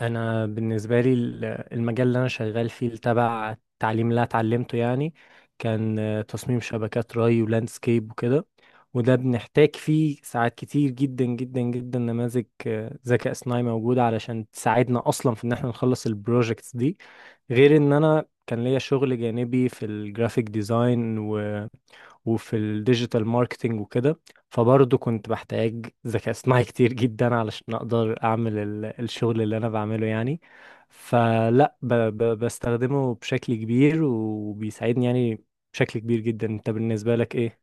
انا بالنسبه لي المجال اللي انا شغال فيه تبع التعليم اللي أنا اتعلمته يعني كان تصميم شبكات ري ولاندسكيب وكده. وده بنحتاج فيه ساعات كتير جدا جدا جدا نماذج ذكاء اصطناعي موجوده علشان تساعدنا اصلا في ان احنا نخلص البروجكتس دي. غير ان انا كان ليا شغل جانبي في الجرافيك ديزاين وفي الديجيتال ماركتينج وكده، فبرضه كنت بحتاج ذكاء اصطناعي كتير جدا علشان اقدر اعمل الشغل اللي انا بعمله يعني. فلا ب بستخدمه بشكل كبير وبيساعدني يعني بشكل كبير جدا. انت بالنسبة لك ايه؟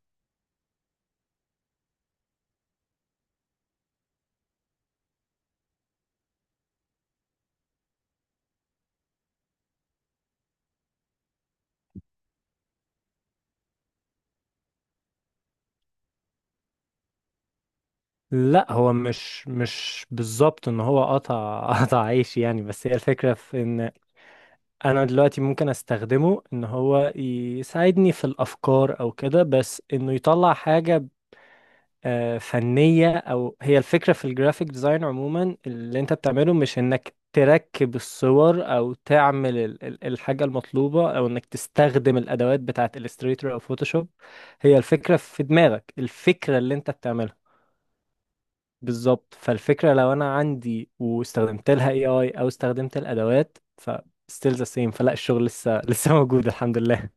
لا، هو مش بالظبط ان هو قطع قطع عيش يعني، بس هي الفكرة في ان انا دلوقتي ممكن استخدمه ان هو يساعدني في الافكار او كده، بس انه يطلع حاجة فنية. أو هي الفكرة في الجرافيك ديزاين عموما اللي أنت بتعمله مش إنك تركب الصور أو تعمل الحاجة المطلوبة أو إنك تستخدم الأدوات بتاعة إليستريتور أو فوتوشوب. هي الفكرة في دماغك، الفكرة اللي أنت بتعملها. بالظبط. فالفكرة لو أنا عندي واستخدمت لها AI أو استخدمت الأدوات ف still the same، فلا الشغل لسه موجود الحمد لله.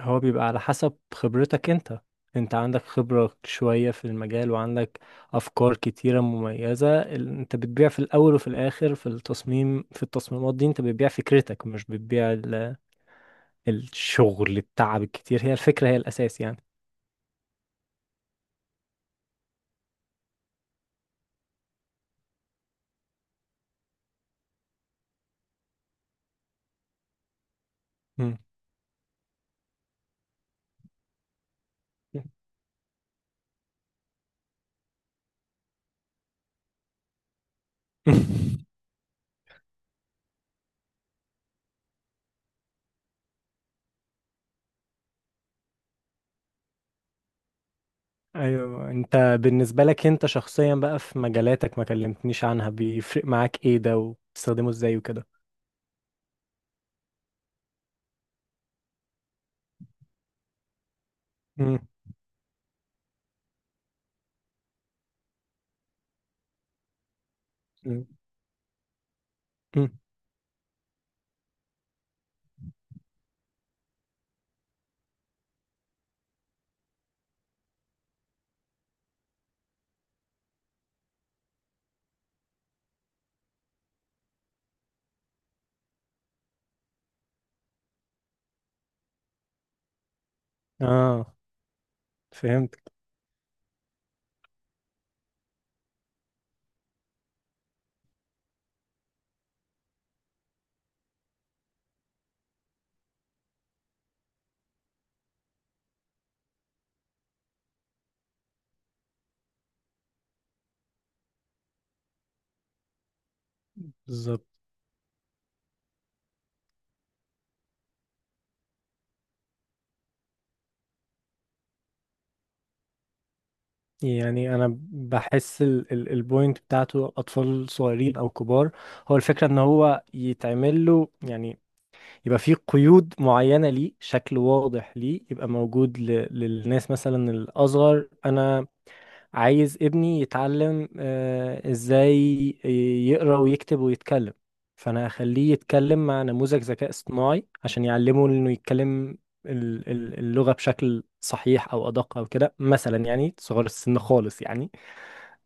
هو بيبقى على حسب خبرتك انت. انت عندك خبرة شوية في المجال وعندك افكار كتيرة مميزة. انت بتبيع في الاول وفي الاخر في التصميم، في التصميمات دي انت بتبيع فكرتك، مش بتبيع الشغل التعب الكتير. هي الفكرة هي الاساس يعني. مم. ايوه. انت بالنسبة لك انت شخصيا بقى في مجالاتك ما كلمتنيش عنها، بيفرق معاك ايه ده وبتستخدمه ازاي وكده؟ مم. مم. مم. اه، فهمت. يعني انا بحس البوينت بتاعته اطفال صغيرين او كبار، هو الفكره ان هو يتعمل له يعني يبقى فيه قيود معينه ليه، شكل واضح ليه، يبقى موجود للناس مثلا الاصغر. انا عايز ابني يتعلم ازاي يقرا ويكتب ويتكلم، فانا هخليه يتكلم مع نموذج ذكاء اصطناعي عشان يعلمه انه يتكلم اللغه بشكل صحيح او ادق او كده مثلا، يعني صغار السن خالص يعني.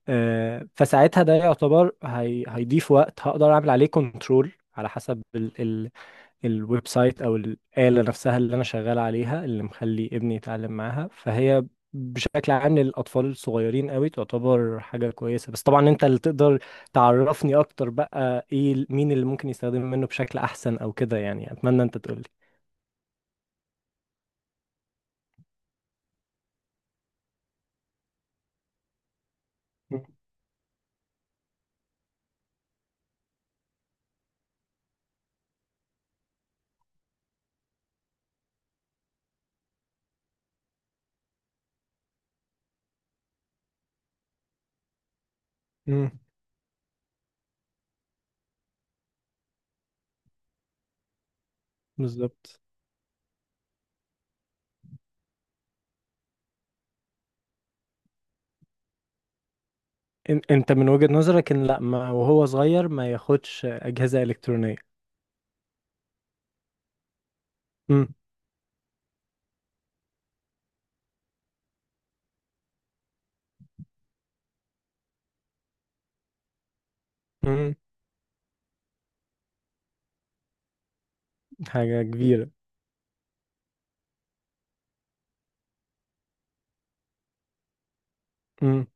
فساعتها ده يعتبر هيضيف وقت هقدر اعمل عليه كنترول على حسب الويب سايت او الآلة نفسها اللي انا شغال عليها اللي مخلي ابني يتعلم معاها. فهي بشكل عام للاطفال الصغيرين قوي تعتبر حاجة كويسة. بس طبعا انت اللي تقدر تعرفني اكتر بقى ايه مين اللي ممكن يستخدم منه بشكل احسن او كده يعني، اتمنى انت تقولي. مم. بالظبط. انت من وجهة نظرك ان لا، ما وهو صغير ما ياخدش أجهزة إلكترونية؟ امم. حاجة كبيرة. امم.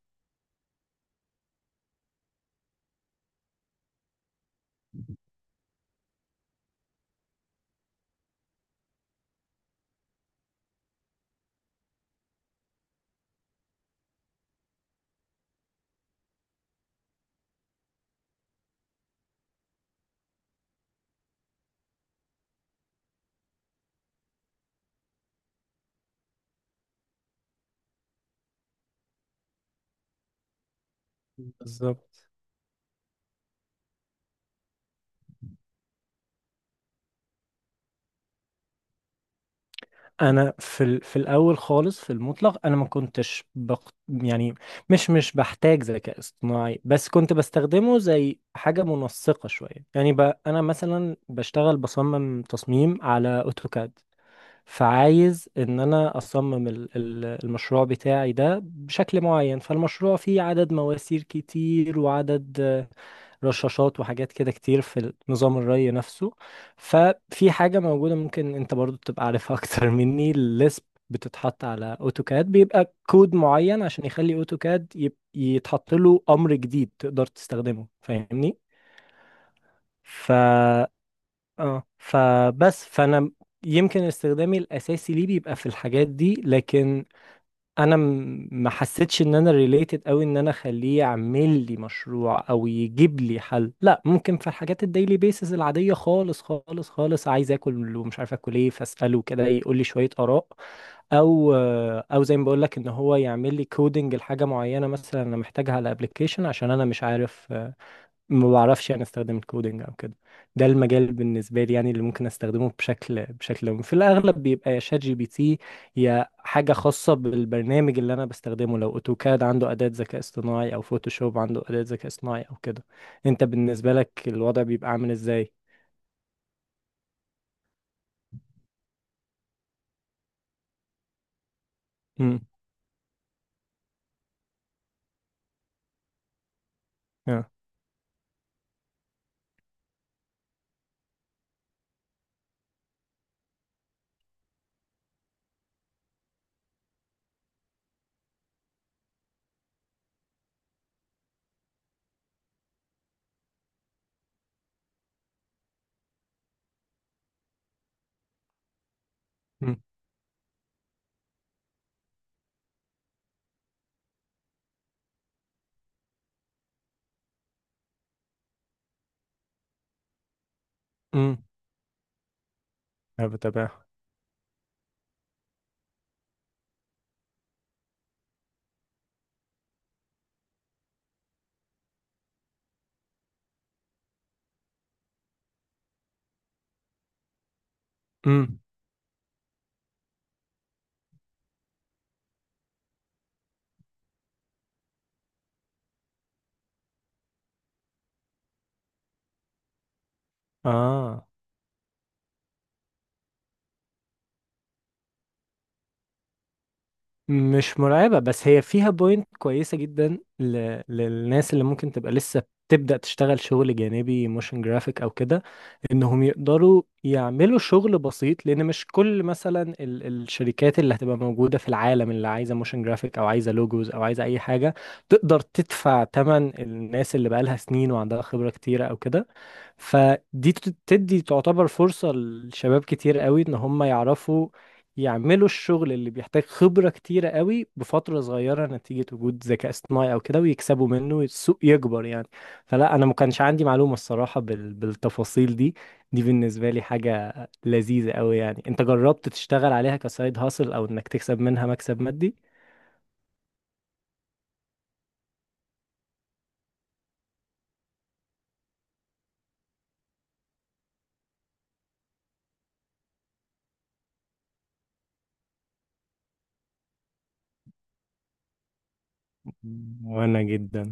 بالظبط. انا في في الاول خالص في المطلق انا ما كنتش يعني مش بحتاج ذكاء اصطناعي، بس كنت بستخدمه زي حاجة منسقة شوية يعني انا مثلا بشتغل بصمم تصميم على اوتوكاد، فعايز ان انا اصمم المشروع بتاعي ده بشكل معين. فالمشروع فيه عدد مواسير كتير وعدد رشاشات وحاجات كده كتير في نظام الري نفسه. ففي حاجة موجودة ممكن انت برضو تبقى عارفها اكتر مني، الليسب، بتتحط على اوتوكاد بيبقى كود معين عشان يخلي اوتوكاد يتحط له امر جديد تقدر تستخدمه، فاهمني؟ ف اه فبس فانا يمكن استخدامي الاساسي ليه بيبقى في الحاجات دي. لكن انا ما حسيتش ان انا ريليتد قوي ان انا اخليه يعمل لي مشروع او يجيب لي حل. لا، ممكن في الحاجات الديلي بيسز العاديه خالص خالص خالص، عايز اكل ومش عارف اكل ايه فاساله كده يقول لي شويه اراء. او او زي ما بقول لك ان هو يعمل لي كودنج لحاجه معينه مثلا انا محتاجها على ابلكيشن عشان انا مش عارف ما بعرفش يعني استخدم الكودينج او كده. ده المجال بالنسبه لي يعني اللي ممكن استخدمه بشكل بشكل يومي في الاغلب بيبقى يا شات جي بي تي، يا حاجه خاصه بالبرنامج اللي انا بستخدمه، لو اوتوكاد عنده اداه ذكاء اصطناعي او فوتوشوب عنده اداه ذكاء اصطناعي او كده. انت بالنسبه لك الوضع بيبقى عامل ازاي؟ امم. اه. امم. امم. انا بتابعها. امم. اه. مش مرعبة، بس هي فيها بوينت كويسة جدا للناس اللي ممكن تبقى لسه بتبدأ تشتغل شغل جانبي موشن جرافيك أو كده، إنهم يقدروا يعملوا شغل بسيط. لأن مش كل مثلا الشركات اللي هتبقى موجودة في العالم اللي عايزة موشن جرافيك أو عايزة لوجوز أو عايزة أي حاجة تقدر تدفع تمن الناس اللي بقالها سنين وعندها خبرة كتيرة أو كده. فدي تدي تعتبر فرصة لشباب كتير قوي ان هم يعرفوا يعملوا الشغل اللي بيحتاج خبرة كتيرة قوي بفترة صغيرة نتيجة وجود ذكاء اصطناعي او كده، ويكسبوا منه، السوق يكبر يعني. فلا انا ما كانش عندي معلومة الصراحة بالتفاصيل دي. دي بالنسبة لي حاجة لذيذة قوي يعني. انت جربت تشتغل عليها كسايد هاسل او انك تكسب منها مكسب مادي؟ وانا جدا.